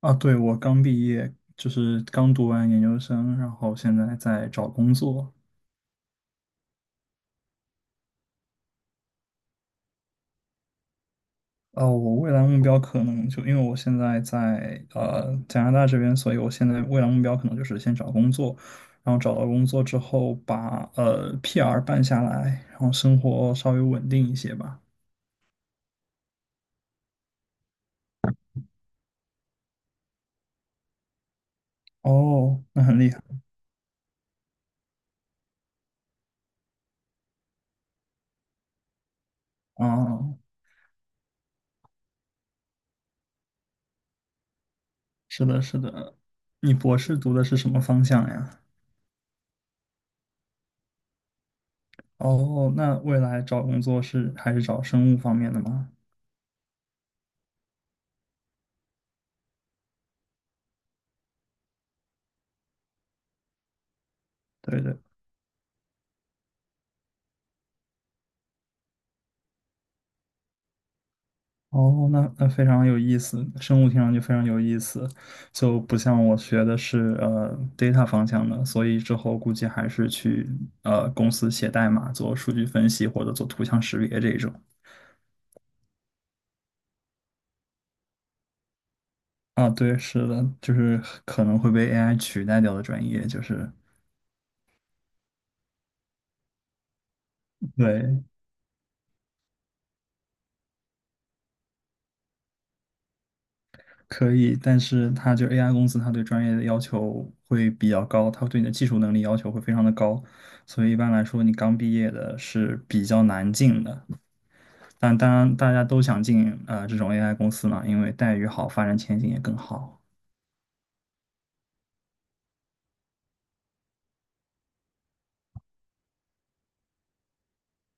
啊，对，我刚毕业，就是刚读完研究生，然后现在在找工作。我未来目标可能就因为我现在在加拿大这边，所以我现在未来目标可能就是先找工作，然后找到工作之后把PR 办下来，然后生活稍微稳定一些吧。哦，那很厉害啊！是的，是的。你博士读的是什么方向呀？哦，那未来找工作是还是找生物方面的吗？对对。哦，那非常有意思，生物听上去非常有意思，就不像我学的是data 方向的，所以之后估计还是去公司写代码做数据分析或者做图像识别这种。啊，对，是的，就是可能会被 AI 取代掉的专业，就是对，可以，但是它就 AI 公司，它对专业的要求会比较高，它对你的技术能力要求会非常的高，所以一般来说，你刚毕业的是比较难进的。但当然，大家都想进这种 AI 公司嘛，因为待遇好，发展前景也更好。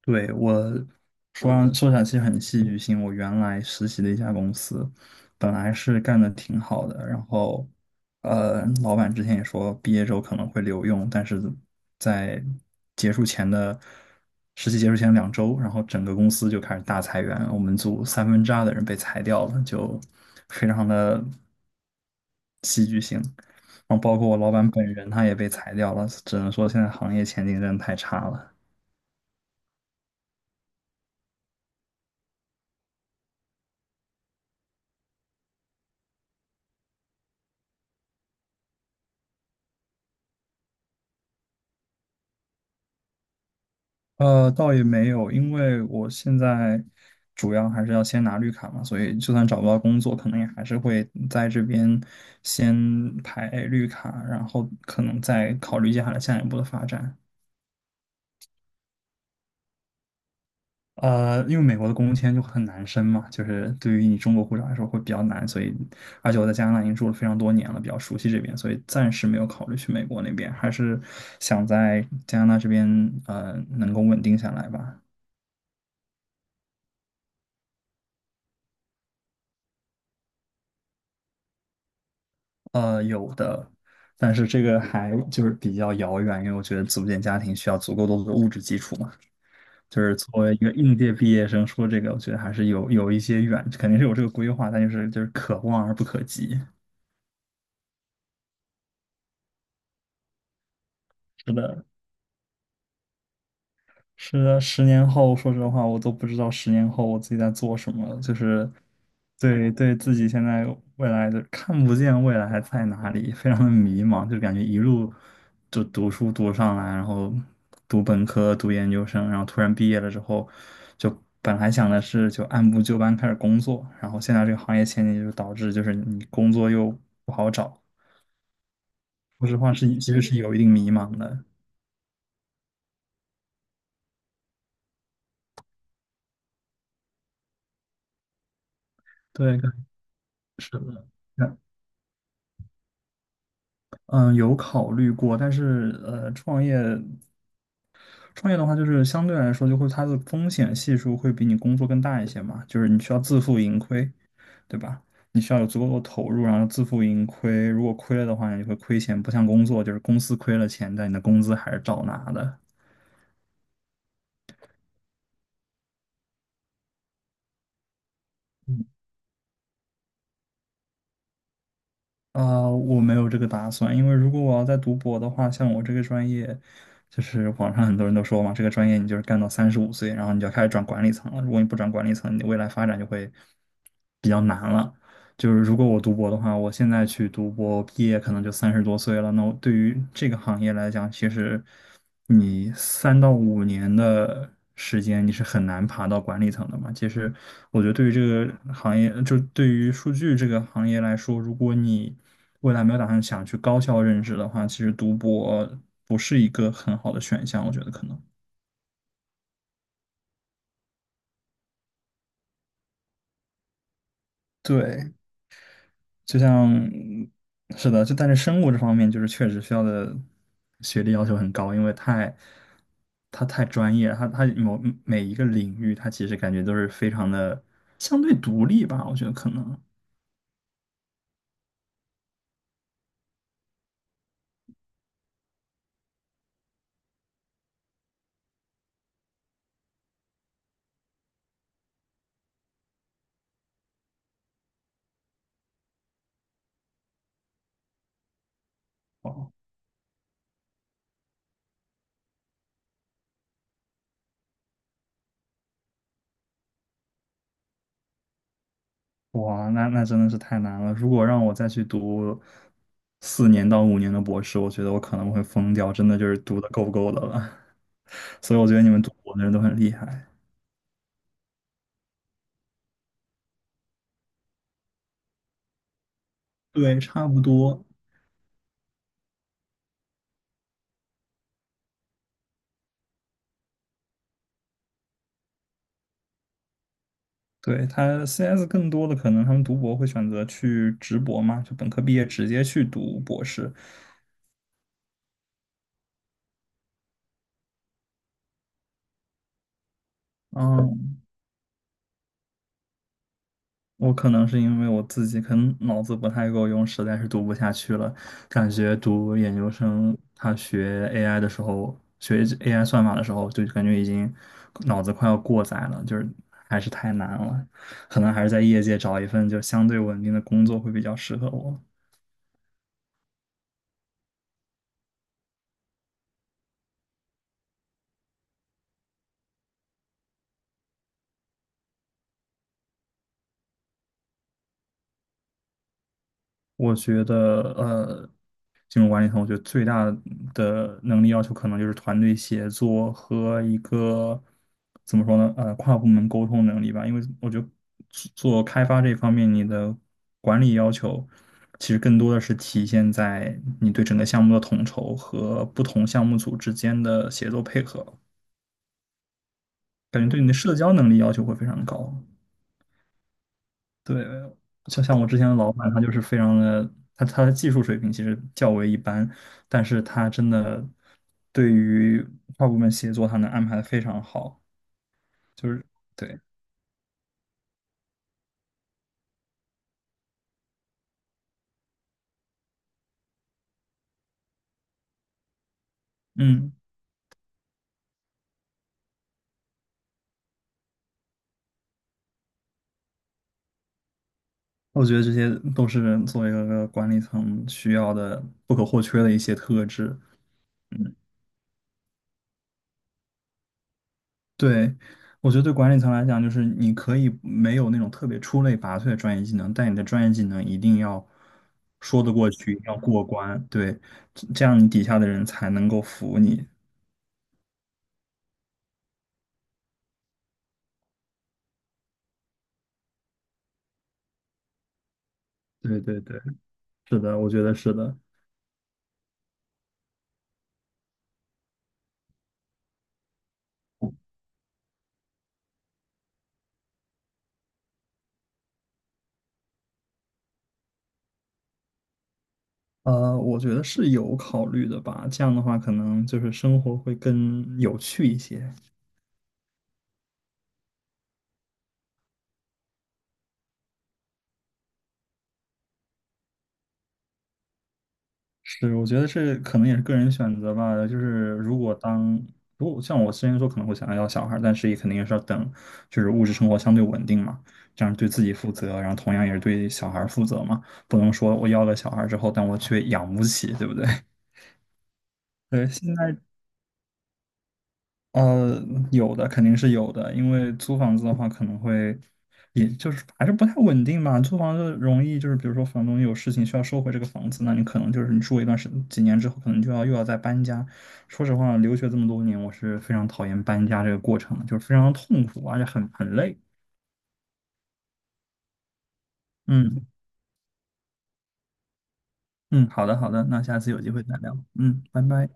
对，我说起来很戏剧性，我原来实习的一家公司，本来是干的挺好的，然后老板之前也说毕业之后可能会留用，但是在结束前的实习结束前2周，然后整个公司就开始大裁员，我们组三分之二的人被裁掉了，就非常的。然后包括我老板本人，他也被裁掉了，只能说现在行业前景真的太差了。倒也没有，因为我现在主要还是要先拿绿卡嘛，所以就算找不到工作，可能也还是会在这边先排绿卡，然后可能再考虑接下来下一步的发展。因为美国的工签就很难申嘛，就是对于你中国护照来说会比较难，所以而且我在加拿大已经住了非常多年了，比较熟悉这边，所以暂时没有考虑去美国那边，还是想在加拿大这边能够稳定下来吧。有的，但是这个还就是比较遥远，因为我觉得组建家庭需要足够多的物质基础嘛。就是作为一个应届毕业生说这个，我觉得还是有一些远，肯定是有这个规划，但就是可望而不可及。是的，是的，十年后，说实话，我都不知道十年后我自己在做什么了就是对自己现在未来的看不见未来还在哪里，非常的迷茫，就感觉一路就读书读上来，然后读本科、读研究生，然后突然毕业了之后，就本来想的是就按部就班开始工作，然后现在这个行业前景就导致就是你工作又不好找，说实话是其实是有一定迷茫的，对，是的。嗯，有考虑过，但是创业的话，就是相对来说，就会它的风险系数会比你工作更大一些嘛，就是你需要自负盈亏，对吧？你需要有足够的投入，然后自负盈亏。如果亏了的话，你会亏钱，不像工作，就是公司亏了钱，但你的工资还是照拿的。啊，我没有这个打算，因为如果我要再读博的话，像我这个专业，就是网上很多人都说嘛，这个专业你就是干到35岁，然后你就要开始转管理层了。如果你不转管理层，你未来发展就会比较难了。就是如果我读博的话，我现在去读博，毕业可能就30多岁了。那我对于这个行业来讲，其实你3到5年的时间，你是很难爬到管理层的嘛。其实我觉得对于这个行业，就对于数据这个行业来说，如果你未来没有打算想去高校任职的话，其实读博不是一个很好的选项，我觉得可能。对，就像是的，就但是生物这方面就是确实需要的学历要求很高，因为它太专业了，它每一个领域，它其实感觉都是非常的相对独立吧，我觉得可能。哦，哇，那真的是太难了。如果让我再去读4年到5年的博士，我觉得我可能会疯掉，真的就是读的够不够的了。所以我觉得你们读博的人都很厉害。对，差不多。对，他 CS 更多的可能他们读博会选择去直博嘛，就本科毕业直接去读博士。嗯，我可能是因为我自己可能脑子不太够用，实在是读不下去了。感觉读研究生，他学 AI 的时候，学 AI 算法的时候，就感觉已经脑子快要过载了，就是还是太难了。可能还是在业界找一份就相对稳定的工作会比较适合我。我觉得，金融管理层，我觉得最大的能力要求可能就是团队协作和一个怎么说呢，跨部门沟通能力吧。因为我觉得做开发这方面，你的管理要求其实更多的是体现在你对整个项目的统筹和不同项目组之间的协作配合。感觉对你的社交能力要求会非常高。对，就像我之前的老板，他就是非常的，他的技术水平其实较为一般，但是他真的对于跨部门协作，他能安排的非常好，就是对，嗯，我觉得这些都是作为一个管理层需要的不可或缺的一些特质。嗯。对，我觉得对管理层来讲，就是你可以没有那种特别出类拔萃的专业技能，但你的专业技能一定要说得过去，一定要过关。对，这样你底下的人才能够服你。对对对，是的，我觉得是的。我觉得是有考虑的吧，这样的话可能就是生活会更有趣一些。是，我觉得这可能也是个人选择吧。就是如果像我之前说可能会想要小孩但是也肯定也是要等，就是物质生活相对稳定嘛，这样对自己负责，然后同样也是对小孩负责嘛。不能说我要了小孩之后，但我却养不起，对不对？对，现在呃，有的肯定是有的，因为租房子的话可能会，也就是还是不太稳定吧。租房子容易就是，比如说房东有事情需要收回这个房子，那你可能就是你住一段时几年之后，可能就要又要再搬家。说实话，留学这么多年，我是非常讨厌搬家这个过程的就是非常痛苦，而且很累。嗯嗯，好的好的，那下次有机会再聊。嗯，拜拜。